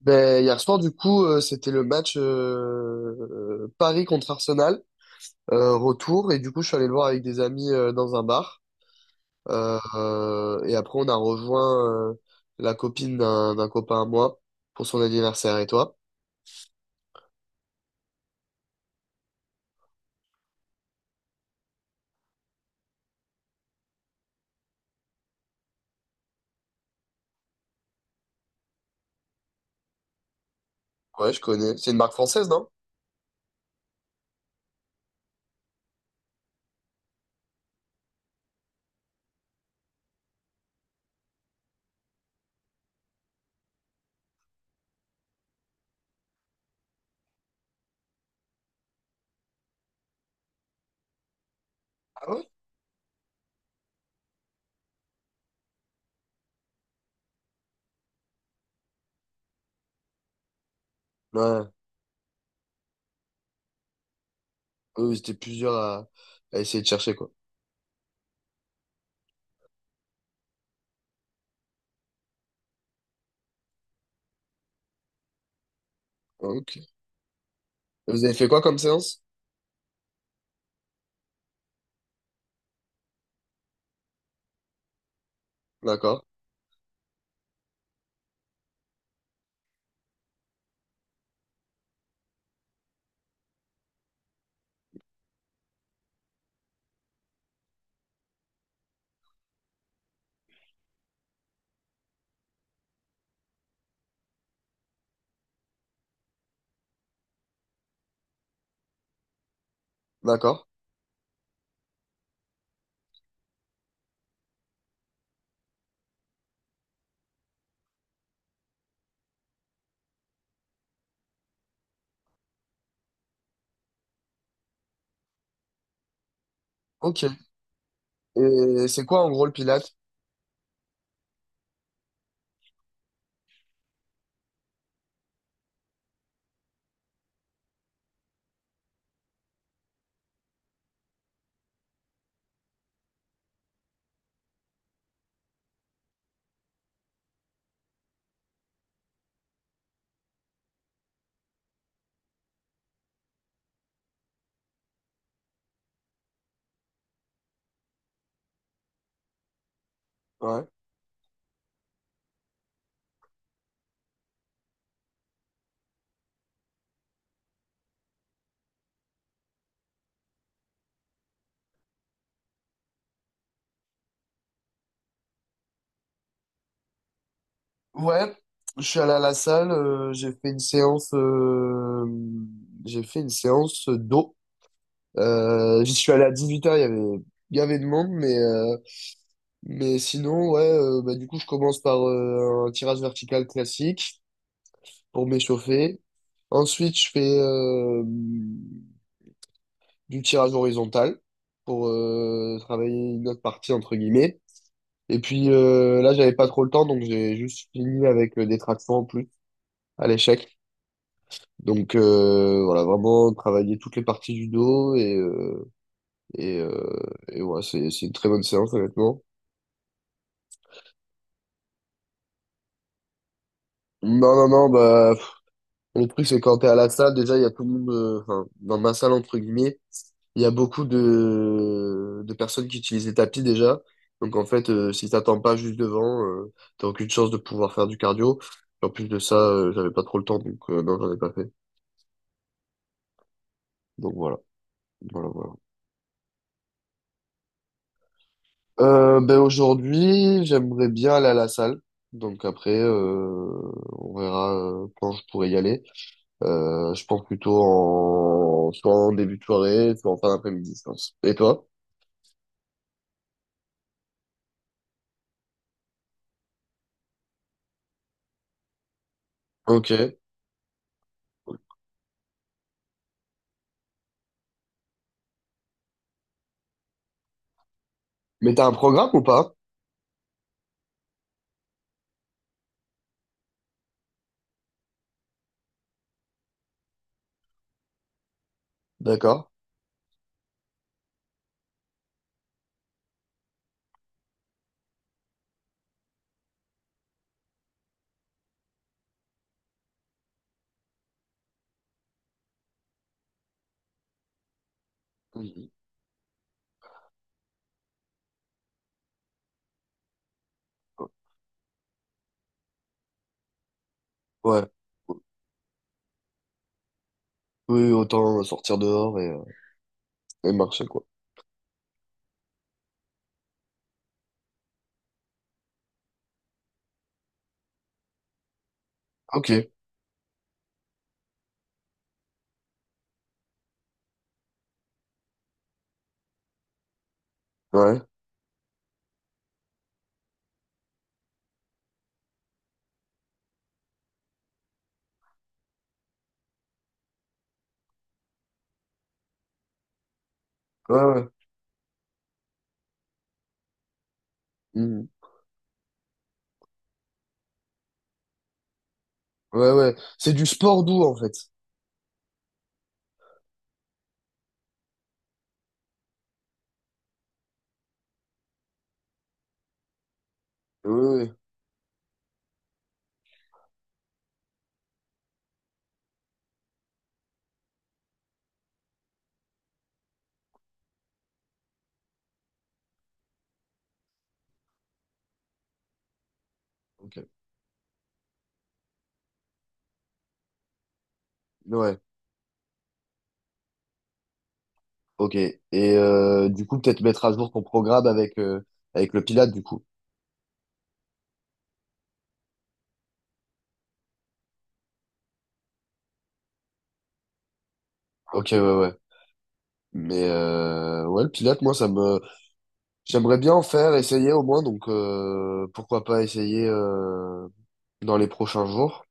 Ben, hier soir, du coup, c'était le match Paris contre Arsenal, retour, et du coup, je suis allé le voir avec des amis dans un bar. Et après, on a rejoint la copine d'un copain à moi pour son anniversaire. Et toi? Ouais, je connais. C'est une marque française, non? Ah ouais? Ouais, eux, ils étaient plusieurs à essayer de chercher, quoi. Ah, ok. Vous avez fait quoi comme séance? D'accord, d'accord. Ok. Et c'est quoi en gros le Pilates? Ouais. Ouais, je suis allé à la salle, j'ai fait une séance, j'ai fait une séance d'eau. J'y suis allé à 18h, il y avait de monde, mais sinon, ouais, bah, du coup, je commence par un tirage vertical classique pour m'échauffer. Ensuite, je fais du tirage horizontal pour travailler une autre partie, entre guillemets. Et puis là, j'avais pas trop le temps, donc j'ai juste fini avec des tractions en plus à l'échec. Donc voilà, vraiment travailler toutes les parties du dos et et, euh, et ouais, c'est une très bonne séance honnêtement. Non non non bah pff, le truc c'est quand t'es à la salle déjà il y a tout le monde enfin dans ma salle entre guillemets il y a beaucoup de personnes qui utilisent les tapis déjà donc en fait si t'attends pas juste devant t'as aucune chance de pouvoir faire du cardio en plus de ça j'avais pas trop le temps donc non j'en ai pas fait donc voilà. Voilà, voilà. Ben aujourd'hui, j'aimerais bien aller à la salle. Donc après, on verra quand je pourrai y aller. Je pense plutôt en soit en début de soirée, soit en fin d'après-midi, je pense. Et toi? Ok. Mais t'as un programme ou pas? D'accord. Oui. Ouais. Oui, autant sortir dehors et marcher, quoi. Ok. Ouais. Ouais, ouais. Mhm. Ouais, ouais. C'est du sport doux, en fait. Oui, oui, oui. Ok. Ouais, ok. Et du coup, peut-être mettre à jour ton programme avec, avec le Pilate, du coup. Ok, ouais, ouais. Mais ouais, le Pilate, moi, ça me... J'aimerais bien en faire, essayer au moins, donc pourquoi pas essayer dans les prochains jours.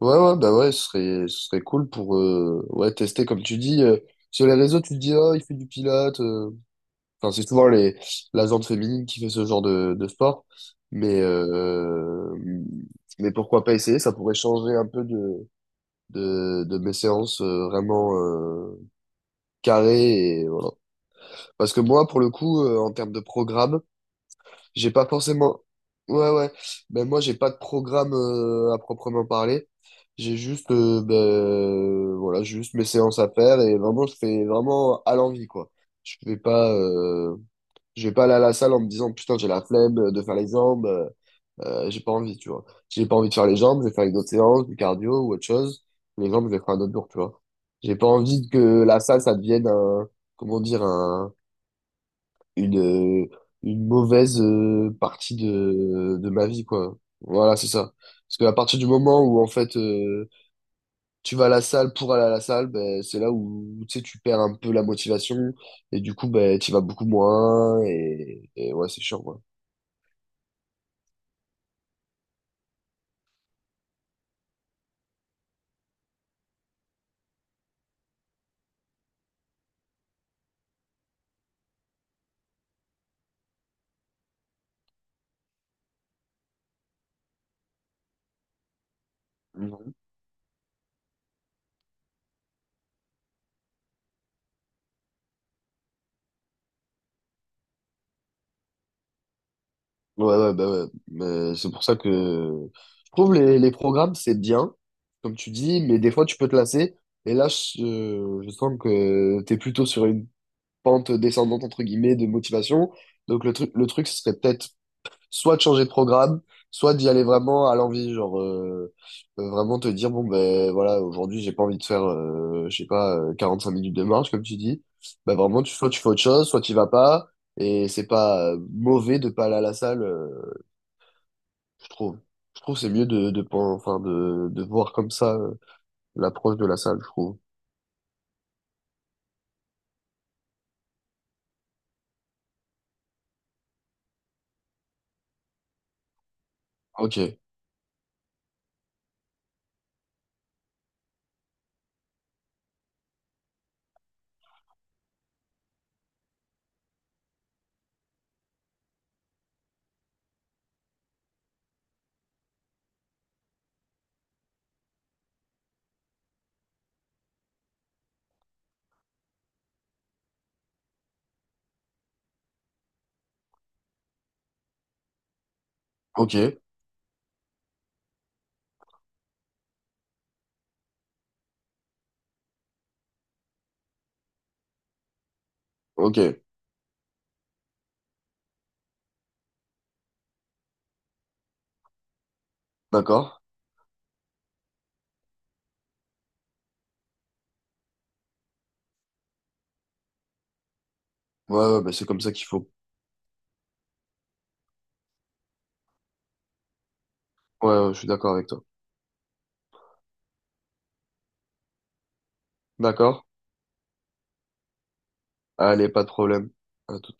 Ouais, ouais, bah ouais, ce serait cool pour ouais, tester, comme tu dis. Sur les réseaux, tu te dis, oh, il fait du Pilate. Enfin, c'est souvent les, la gente féminine qui fait ce genre de sport. Mais, euh, mais pourquoi pas essayer, ça pourrait changer un peu de mes séances vraiment carrées et voilà. Parce que moi, pour le coup, en termes de programme, j'ai pas forcément. Ouais, ouais. Ben moi, j'ai pas de programme à proprement parler. J'ai juste, ben, voilà, juste mes séances à faire et vraiment, je fais vraiment à l'envie, quoi. Je vais pas, euh, je vais pas aller à la salle en me disant, putain, j'ai la flemme de faire les jambes. J'ai pas envie, tu vois. J'ai pas envie de faire les jambes, je vais faire une autre séance, du cardio ou autre chose. Les jambes, je vais faire un autre jour, tu vois. J'ai pas envie que la salle, ça devienne un, comment dire, un, une, euh, une mauvaise partie de ma vie, quoi. Voilà, c'est ça. Parce qu'à partir du moment où, en fait, tu vas à la salle pour aller à la salle, ben, c'est là où, tu sais, tu perds un peu la motivation et du coup, ben, tu vas beaucoup moins et ouais, c'est chiant, quoi. Ouais, ouais, bah ouais. Mais c'est pour ça que je trouve les programmes, c'est bien, comme tu dis, mais des fois, tu peux te lasser. Et là, je sens que t'es plutôt sur une pente descendante, entre guillemets, de motivation. Donc, le truc, ce serait peut-être soit de changer de programme, soit d'y aller vraiment à l'envie. Genre, vraiment te dire, bon, ben voilà, aujourd'hui, j'ai pas envie de faire, je sais pas, 5 minutes de marche, comme tu dis. Bah, vraiment, tu, soit tu fais autre chose, soit tu vas pas. Et c'est pas mauvais de pas aller à la salle. Je trouve. Je trouve que c'est mieux de, enfin, de voir comme ça l'approche de la salle, je trouve. Ok, ok, ok, d'accord. Ouais, ouais, bah c'est comme ça qu'il faut. Ouais, ouais, je suis d'accord avec toi. D'accord. Allez, pas de problème. À tout